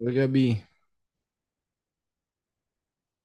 Oi, Gabi,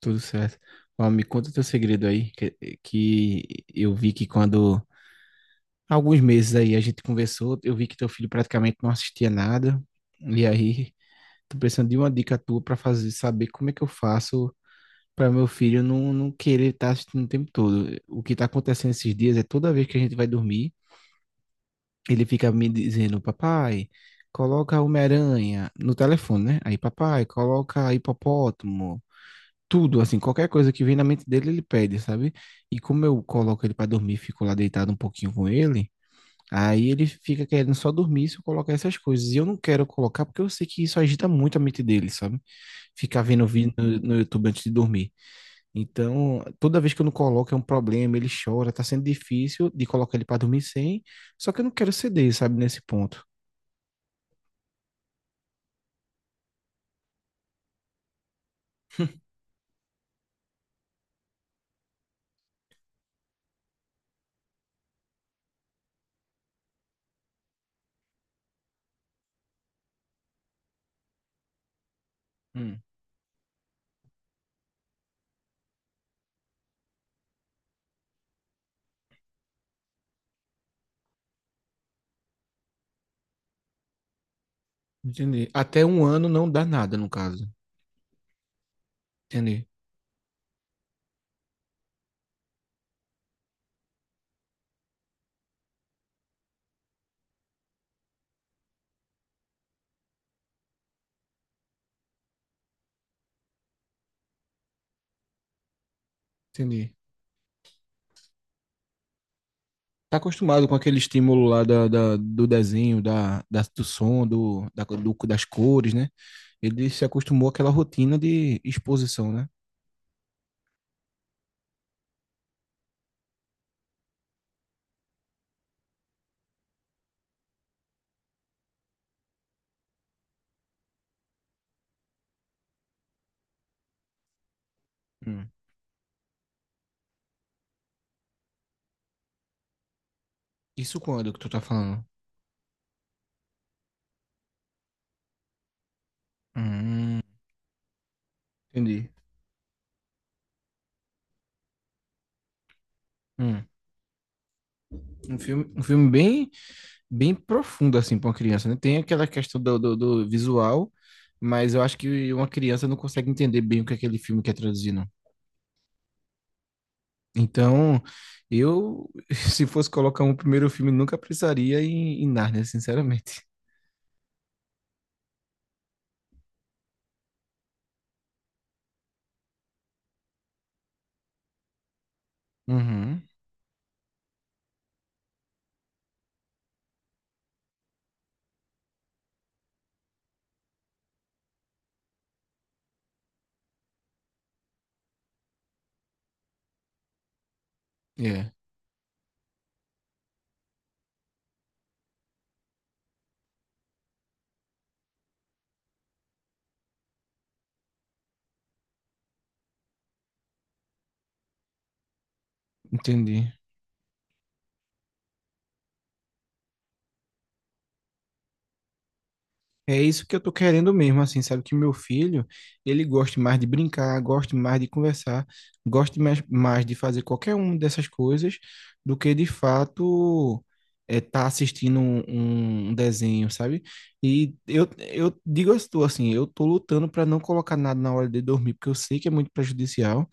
tudo certo? Ó, me conta teu segredo aí, que eu vi que alguns meses aí a gente conversou, eu vi que teu filho praticamente não assistia nada, e aí tô precisando de uma dica tua pra fazer, saber como é que eu faço pra meu filho não querer estar assistindo o tempo todo. O que tá acontecendo esses dias é toda vez que a gente vai dormir, ele fica me dizendo, papai, coloca Homem-Aranha no telefone, né? Aí, papai, coloca hipopótamo, tudo, assim, qualquer coisa que vem na mente dele, ele pede, sabe? E como eu coloco ele para dormir, fico lá deitado um pouquinho com ele, aí ele fica querendo só dormir se eu colocar essas coisas. E eu não quero colocar porque eu sei que isso agita muito a mente dele, sabe? Ficar vendo vídeo no YouTube antes de dormir. Então, toda vez que eu não coloco é um problema, ele chora, tá sendo difícil de colocar ele para dormir sem, só que eu não quero ceder, sabe, nesse ponto. Hum. Entendi. Até um ano não dá nada, no caso. Entendi, entendi. Tá acostumado com aquele estímulo lá do desenho, do som, das cores, né? Ele se acostumou àquela rotina de exposição, né? Hum. Isso quando que tu tá falando? Hum, entendi. Hum. Um filme bem, bem profundo, assim, pra uma criança, né? Tem aquela questão do visual, mas eu acho que uma criança não consegue entender bem o que aquele filme quer traduzir, não. Então, eu, se fosse colocar um primeiro filme, nunca precisaria em Nárnia, sinceramente. Uhum. É, entendi. É isso que eu tô querendo mesmo, assim, sabe? Que meu filho, ele goste mais de brincar, goste mais de conversar, goste mais de fazer qualquer uma dessas coisas do que de fato é tá assistindo um desenho, sabe? E eu digo a tu, assim, eu tô lutando para não colocar nada na hora de dormir, porque eu sei que é muito prejudicial,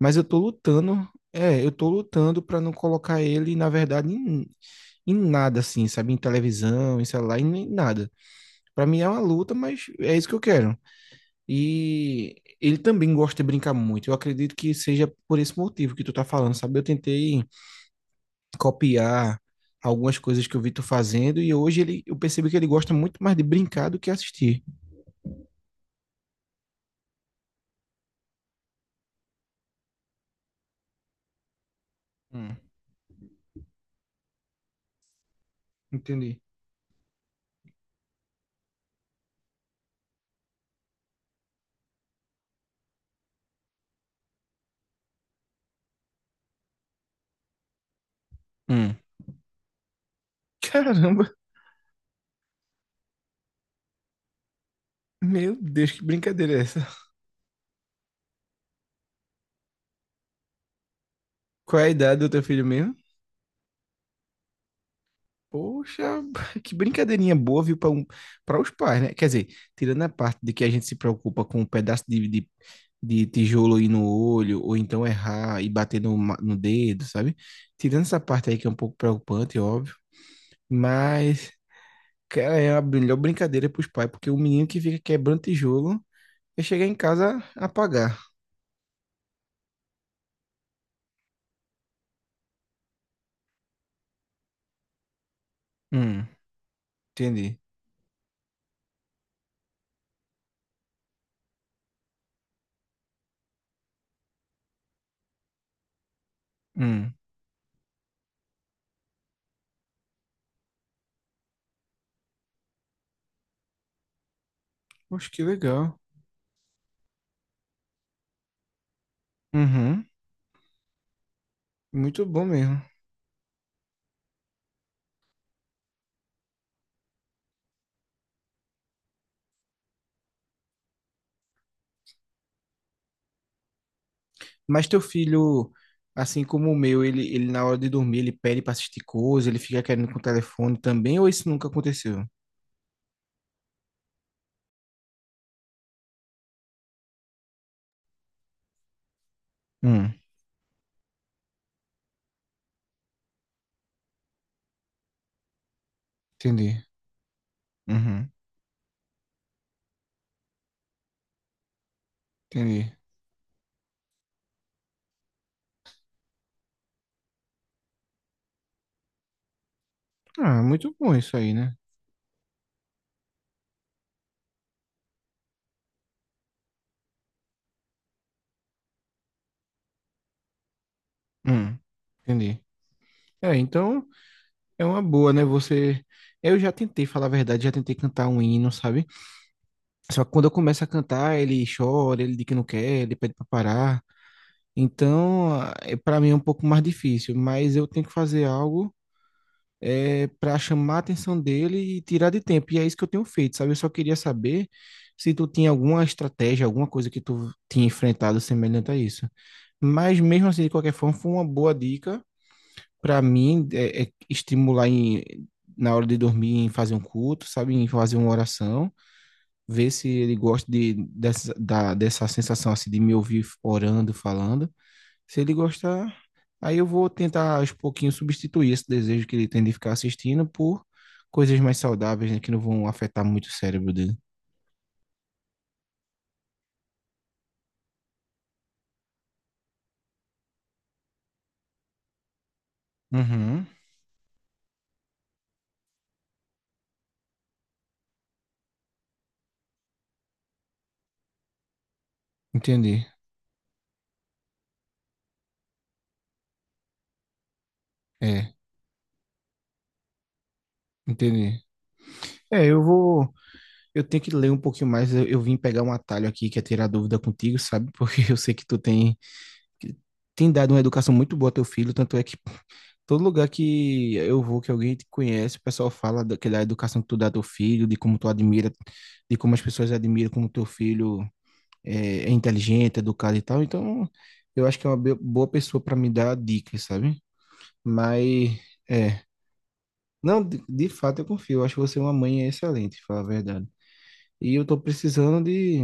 mas eu tô lutando, eu tô lutando para não colocar ele, na verdade, em nada, assim, sabe? Em televisão, em celular, em nada. Pra mim é uma luta, mas é isso que eu quero. E ele também gosta de brincar muito. Eu acredito que seja por esse motivo que tu tá falando, sabe? Eu tentei copiar algumas coisas que eu vi tu fazendo e hoje ele, eu percebi que ele gosta muito mais de brincar do que assistir. Hum, entendi. Hum. Caramba, meu Deus, que brincadeira é essa? Qual é a idade do teu filho mesmo? Poxa, que brincadeirinha boa, viu, para para os pais, né? Quer dizer, tirando a parte de que a gente se preocupa com um pedaço de tijolo aí no olho, ou então errar e bater no dedo, sabe? Tirando essa parte aí que é um pouco preocupante, é óbvio. Mas, cara, é a melhor brincadeira para os pais, porque o menino que fica quebrando tijolo vai chegar em casa apagar. Hum, entendi. Hum, acho que legal. Uhum, muito bom mesmo. Mas teu filho, assim como o meu, ele na hora de dormir, ele pede pra assistir coisa, ele fica querendo com o telefone também, ou isso nunca aconteceu? Hum, entendi. Uhum, entendi. Ah, muito bom isso aí, né? Hum, entendi. É, então é uma boa, né? Você. Eu já tentei, falar a verdade, já tentei cantar um hino, sabe? Só que quando eu começo a cantar, ele chora, ele diz que não quer, ele pede pra parar. Então, para mim é um pouco mais difícil, mas eu tenho que fazer algo para chamar a atenção dele e tirar de tempo. E é isso que eu tenho feito, sabe? Eu só queria saber se tu tinha alguma estratégia, alguma coisa que tu tinha enfrentado semelhante a isso. Mas mesmo assim, de qualquer forma, foi uma boa dica para mim é estimular na hora de dormir em fazer um culto, sabe? Em fazer uma oração, ver se ele gosta dessa sensação assim de me ouvir orando, falando. Se ele gostar, aí eu vou tentar aos pouquinhos substituir esse desejo que ele tem de ficar assistindo por coisas mais saudáveis, né, que não vão afetar muito o cérebro dele. Uhum. Entendi. É, entendi. É, eu vou. Eu tenho que ler um pouquinho mais. Eu vim pegar um atalho aqui que é tirar dúvida contigo, sabe? Porque eu sei que tu tem, que tem dado uma educação muito boa ao teu filho. Tanto é que todo lugar que eu vou, que alguém te conhece, o pessoal fala da, que da educação que tu dá ao teu filho, de como tu admira, de como as pessoas admiram como teu filho é inteligente, educado e tal. Então, eu acho que é uma boa pessoa para me dar dicas, sabe? Mas, é. Não, de fato eu confio. Eu acho que você é uma mãe excelente, falar a verdade. E eu tô precisando de.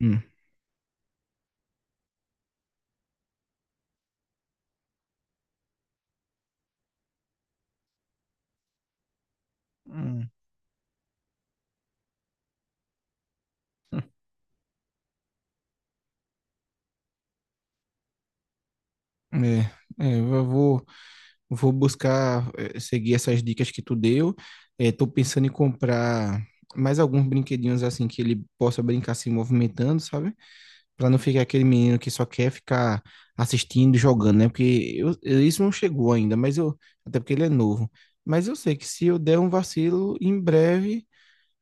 Hum, Hum. é, eu vou, vou buscar seguir essas dicas que tu deu. Estou pensando em comprar mais alguns brinquedinhos assim que ele possa brincar se movimentando, sabe? Pra não ficar aquele menino que só quer ficar assistindo e jogando, né? Porque isso não chegou ainda, mas eu. Até porque ele é novo. Mas eu sei que se eu der um vacilo, em breve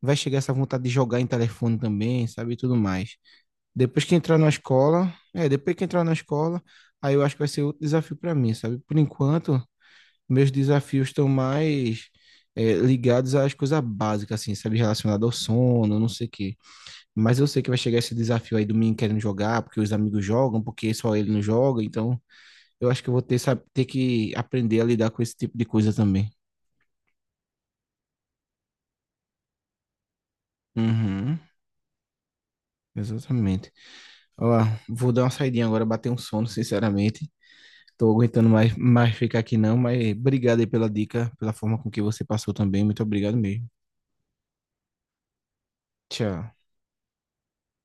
vai chegar essa vontade de jogar em telefone também, sabe? E tudo mais. Depois que entrar na escola. É, depois que entrar na escola, aí eu acho que vai ser outro desafio pra mim, sabe? Por enquanto, meus desafios estão mais. Ligados às coisas básicas, assim, sabe? Relacionado ao sono, não sei o quê. Mas eu sei que vai chegar esse desafio aí do menino querendo jogar, porque os amigos jogam, porque só ele não joga. Então, eu acho que eu vou ter, sabe, ter que aprender a lidar com esse tipo de coisa também. Uhum, exatamente. Ó, vou dar uma saidinha agora, bater um sono, sinceramente. Tô aguentando mais, mais ficar aqui não, mas obrigado aí pela dica, pela forma com que você passou também. Muito obrigado mesmo. Tchau.